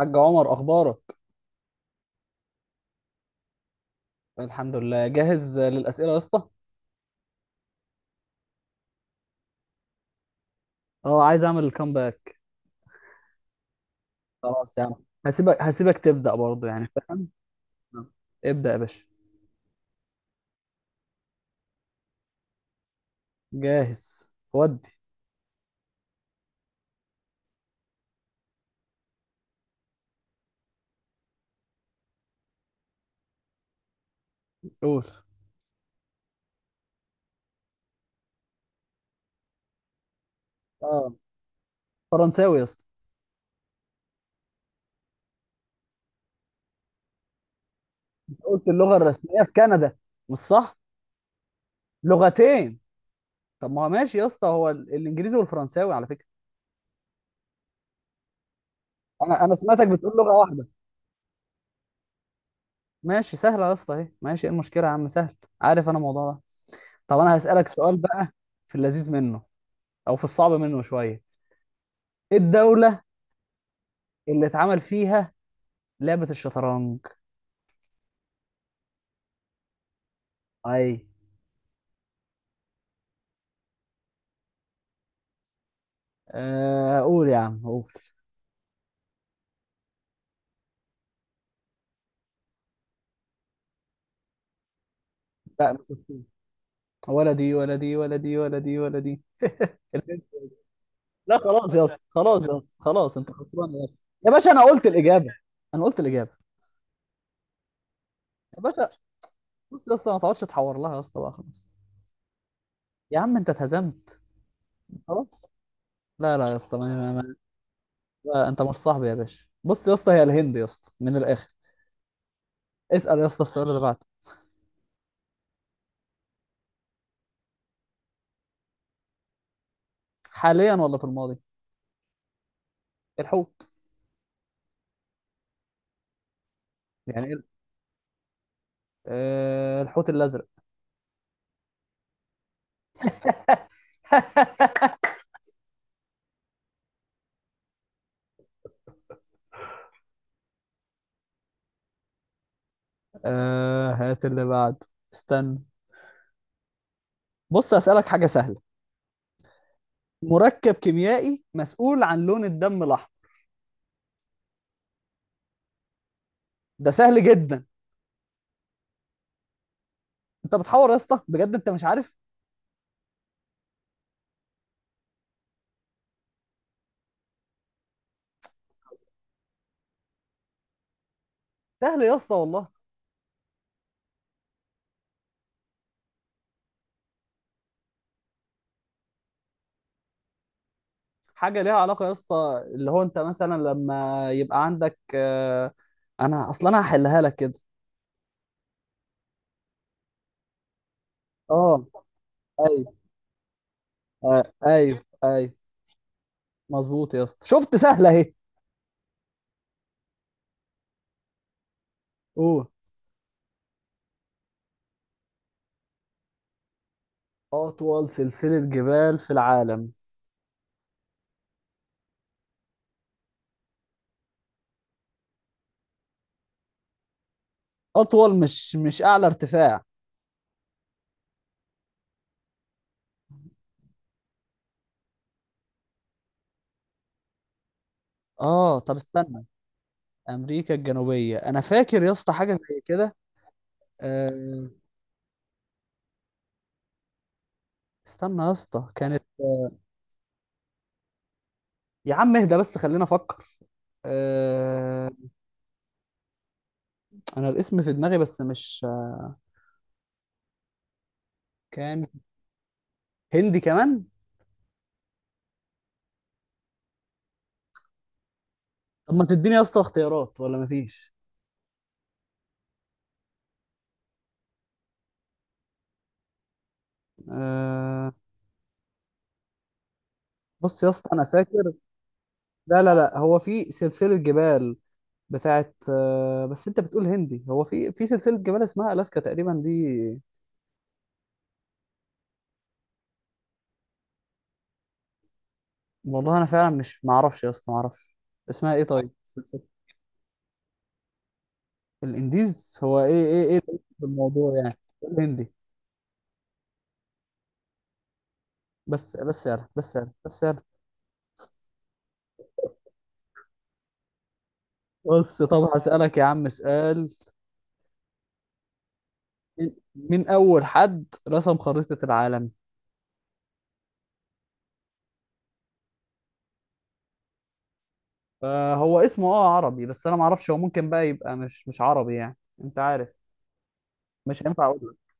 حاج عمر، اخبارك؟ الحمد لله، جاهز للاسئله يا اسطى. اه، عايز اعمل الكامباك. خلاص يا عم. هسيبك تبدا برضه، يعني فاهم؟ آه. ابدأ يا باشا. جاهز ودي. قول. اه، فرنساوي يا اسطى. أنت قلت اللغه الرسميه في كندا، مش صح؟ لغتين. طب ما هو ماشي يا اسطى، هو الانجليزي والفرنساوي على فكره. انا سمعتك بتقول لغه واحده. ماشي، سهلة يا اسطى اهي. ماشي، ايه المشكلة يا عم؟ سهل. عارف انا الموضوع ده. طب انا هسالك سؤال بقى. في اللذيذ منه، او في الصعب منه شويه. ايه الدولة اللي اتعمل فيها لعبة الشطرنج؟ اي. آه، قول يا عم قول. لا، مش هسكت. ولا دي ولا دي ولا دي ولا دي ولا دي. اللي انت- لا خلاص يا اسطى، خلاص يا اسطى، خلاص، انت خسران يا باشا. يا باشا، انا قلت الاجابة. انا قلت الاجابة. يا باشا، بص يا اسطى ما تقعدش تحور لها يا اسطى بقى، خلاص. يا عم انت اتهزمت. خلاص. لا لا يا اسطى، ما ما ما لا انت مش صاحبي يا باشا. بص يا اسطى، هي الهند يا اسطى من الاخر. اسأل يا اسطى السؤال اللي بعده. حاليا ولا في الماضي؟ الحوت. يعني ايه؟ أه، الحوت الأزرق. أه، هات اللي بعده. استنى. بص، أسألك حاجة سهلة. مركب كيميائي مسؤول عن لون الدم الأحمر. ده سهل جدا. أنت بتحور يا اسطى، بجد أنت مش عارف. سهل يا اسطى والله. حاجة ليها علاقة يا اسطى، اللي هو أنت مثلا لما يبقى عندك أنا أصلا أنا هحلها لك كده. أه، أيوه. آه، أيوه أيوه. مظبوط يا اسطى، شفت سهلة أهي. أوه. أطول سلسلة جبال في العالم. أطول، مش أعلى ارتفاع. اه طب استنى. امريكا الجنوبيه، انا فاكر يا اسطى حاجه زي كده. أه... استنى يا اسطى كانت. يا عم اهدى بس، خلينا افكر. أه... انا الاسم في دماغي، بس مش كان. هندي كمان. طب ما تديني يا اسطى اختيارات ولا مفيش؟ أه... بص يا اسطى انا فاكر. لا لا لا، هو في سلسله جبال بتاعت بس انت بتقول هندي. هو في سلسله جبال اسمها الاسكا تقريبا دي. والله انا فعلا مش معرفش يا اسطى، معرفش. اسمها ايه طيب؟ الانديز، هو ايه الهندي في الموضوع يعني؟ إيه الهندي؟ بس بس يا رب، بس يا رب، بس يا رب. بص طب هسألك يا عم سؤال. مين أول حد رسم خريطة العالم؟ آه، هو اسمه عربي، بس أنا معرفش هو ممكن بقى يبقى مش عربي يعني. أنت عارف، مش هينفع أقول لك.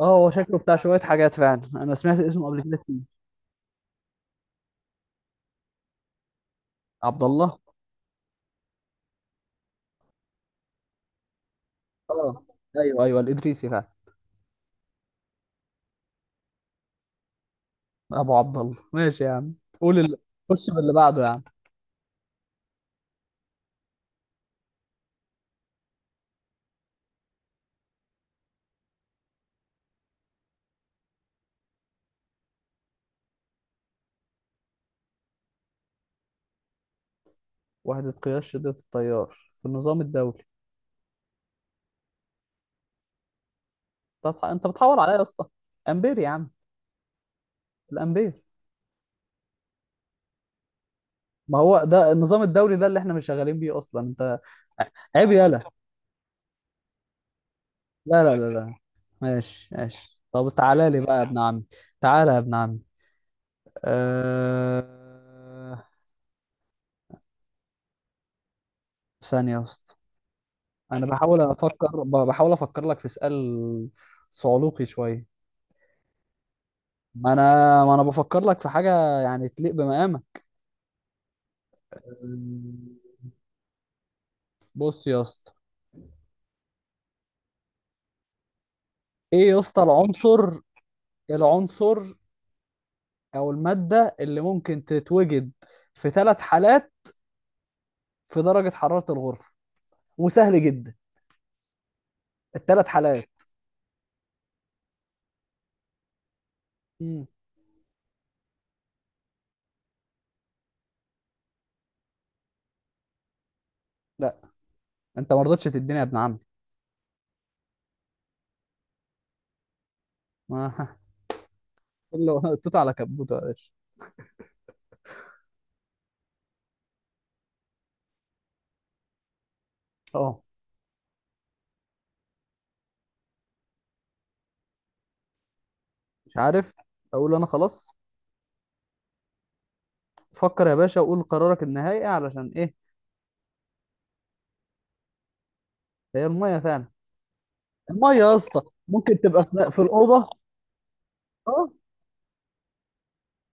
اه، هو شكله بتاع شوية حاجات فعلا، أنا سمعت اسمه قبل كده كتير. عبد الله. اه، أيوه أيوه الإدريسي فعلا. أبو عبد الله، ماشي يا عم. قول اللي خش باللي بعده يا عم. وحدة قياس شدة التيار في النظام الدولي. طب انت بتحور عليا يا اسطى. امبير يا عم. الامبير. ما هو ده النظام الدوري ده اللي احنا مش شغالين بيه اصلا انت. عيب يالا. لا لا لا لا. ماشي ماشي، طب تعالى لي بقى يا ابن عمي. تعالى يا ابن عمي. أه... ثانية يا اسطى. انا بحاول افكر، بحاول افكر لك في سؤال صعلوقي شوية. ما انا بفكر لك في حاجة يعني تليق بمقامك. أه، بص يا اسطى، ايه يا اسطى العنصر، العنصر او المادة اللي ممكن تتوجد في ثلاث حالات في درجة حرارة الغرفة. وسهل جدا، الثلاث حالات. مم. لا، انت ما رضتش تديني يا ابن عمي. ما كله توت على كبوته يا باشا. اه، مش عارف. اقول انا خلاص. فكر يا باشا وقول قرارك النهائي، علشان ايه؟ هي المية فعلا. المية يا اسطى. ممكن تبقى في الأوضة. اه،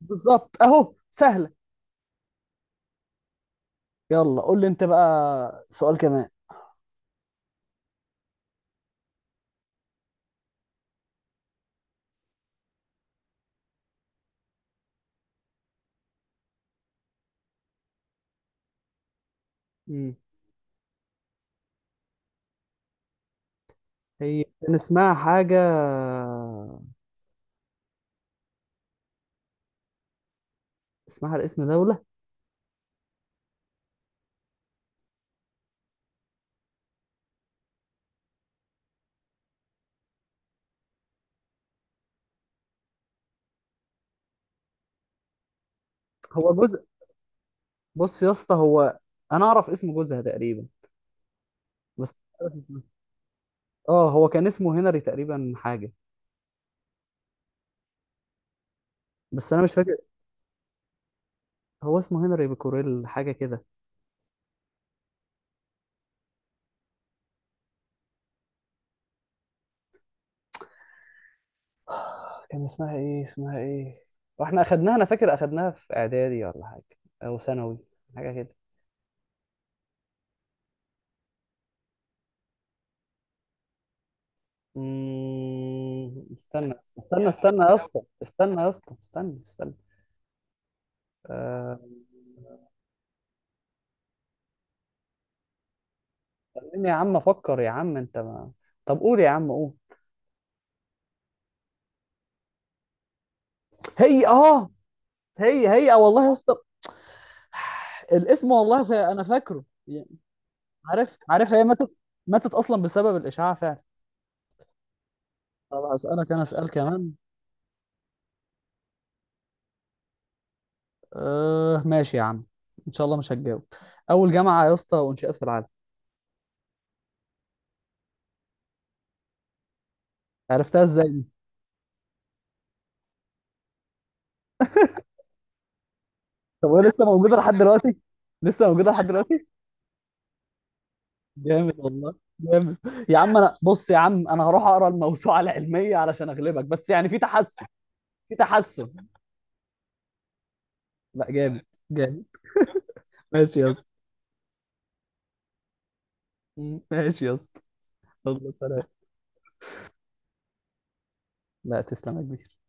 بالظبط اهو، سهلة. يلا قول لي انت بقى سؤال كمان. مم. هي نسمعها حاجة. اسمها الاسم دولة. هو جزء. بص يا اسطى، هو انا اعرف اسم جوزها تقريبا، بس مش عارف اسمه. اه، هو كان اسمه هنري تقريبا حاجه. بس انا مش فاكر. هو اسمه هنري بكوريل حاجه كده. كان اسمها ايه؟ اسمها ايه؟ واحنا اخدناها، انا فاكر اخدناها في اعدادي ولا حاجه، او ثانوي، حاجه كده. استنى. استنى استنى يا اسطى، استنى يا اسطى، استنى استنى. آه، خليني يا عم افكر يا عم، انت ما... طب قول يا عم قول. هي هي هي والله يا اسطى. الاسم والله انا فاكره يعني. عارف عارف، هي ماتت. ماتت اصلا بسبب الاشاعه فعلا. طب هسالك انا، اسال كمان. أه ماشي يا عم. ان شاء الله مش هتجاوب. اول جامعه يا اسطى وانشئت في العالم. عرفتها ازاي دي؟ طب وهي لسه موجوده لحد دلوقتي؟ لسه موجوده لحد دلوقتي؟ جامد والله. جامد. يا عم انا، بص يا عم، انا هروح اقرا الموسوعه العلميه علشان اغلبك، بس يعني في تحسن. في تحسن. لا، جامد. جامد. ماشي يا اسطى. ماشي يا اسطى. يلا سلام. لا، تسلم يا كبير.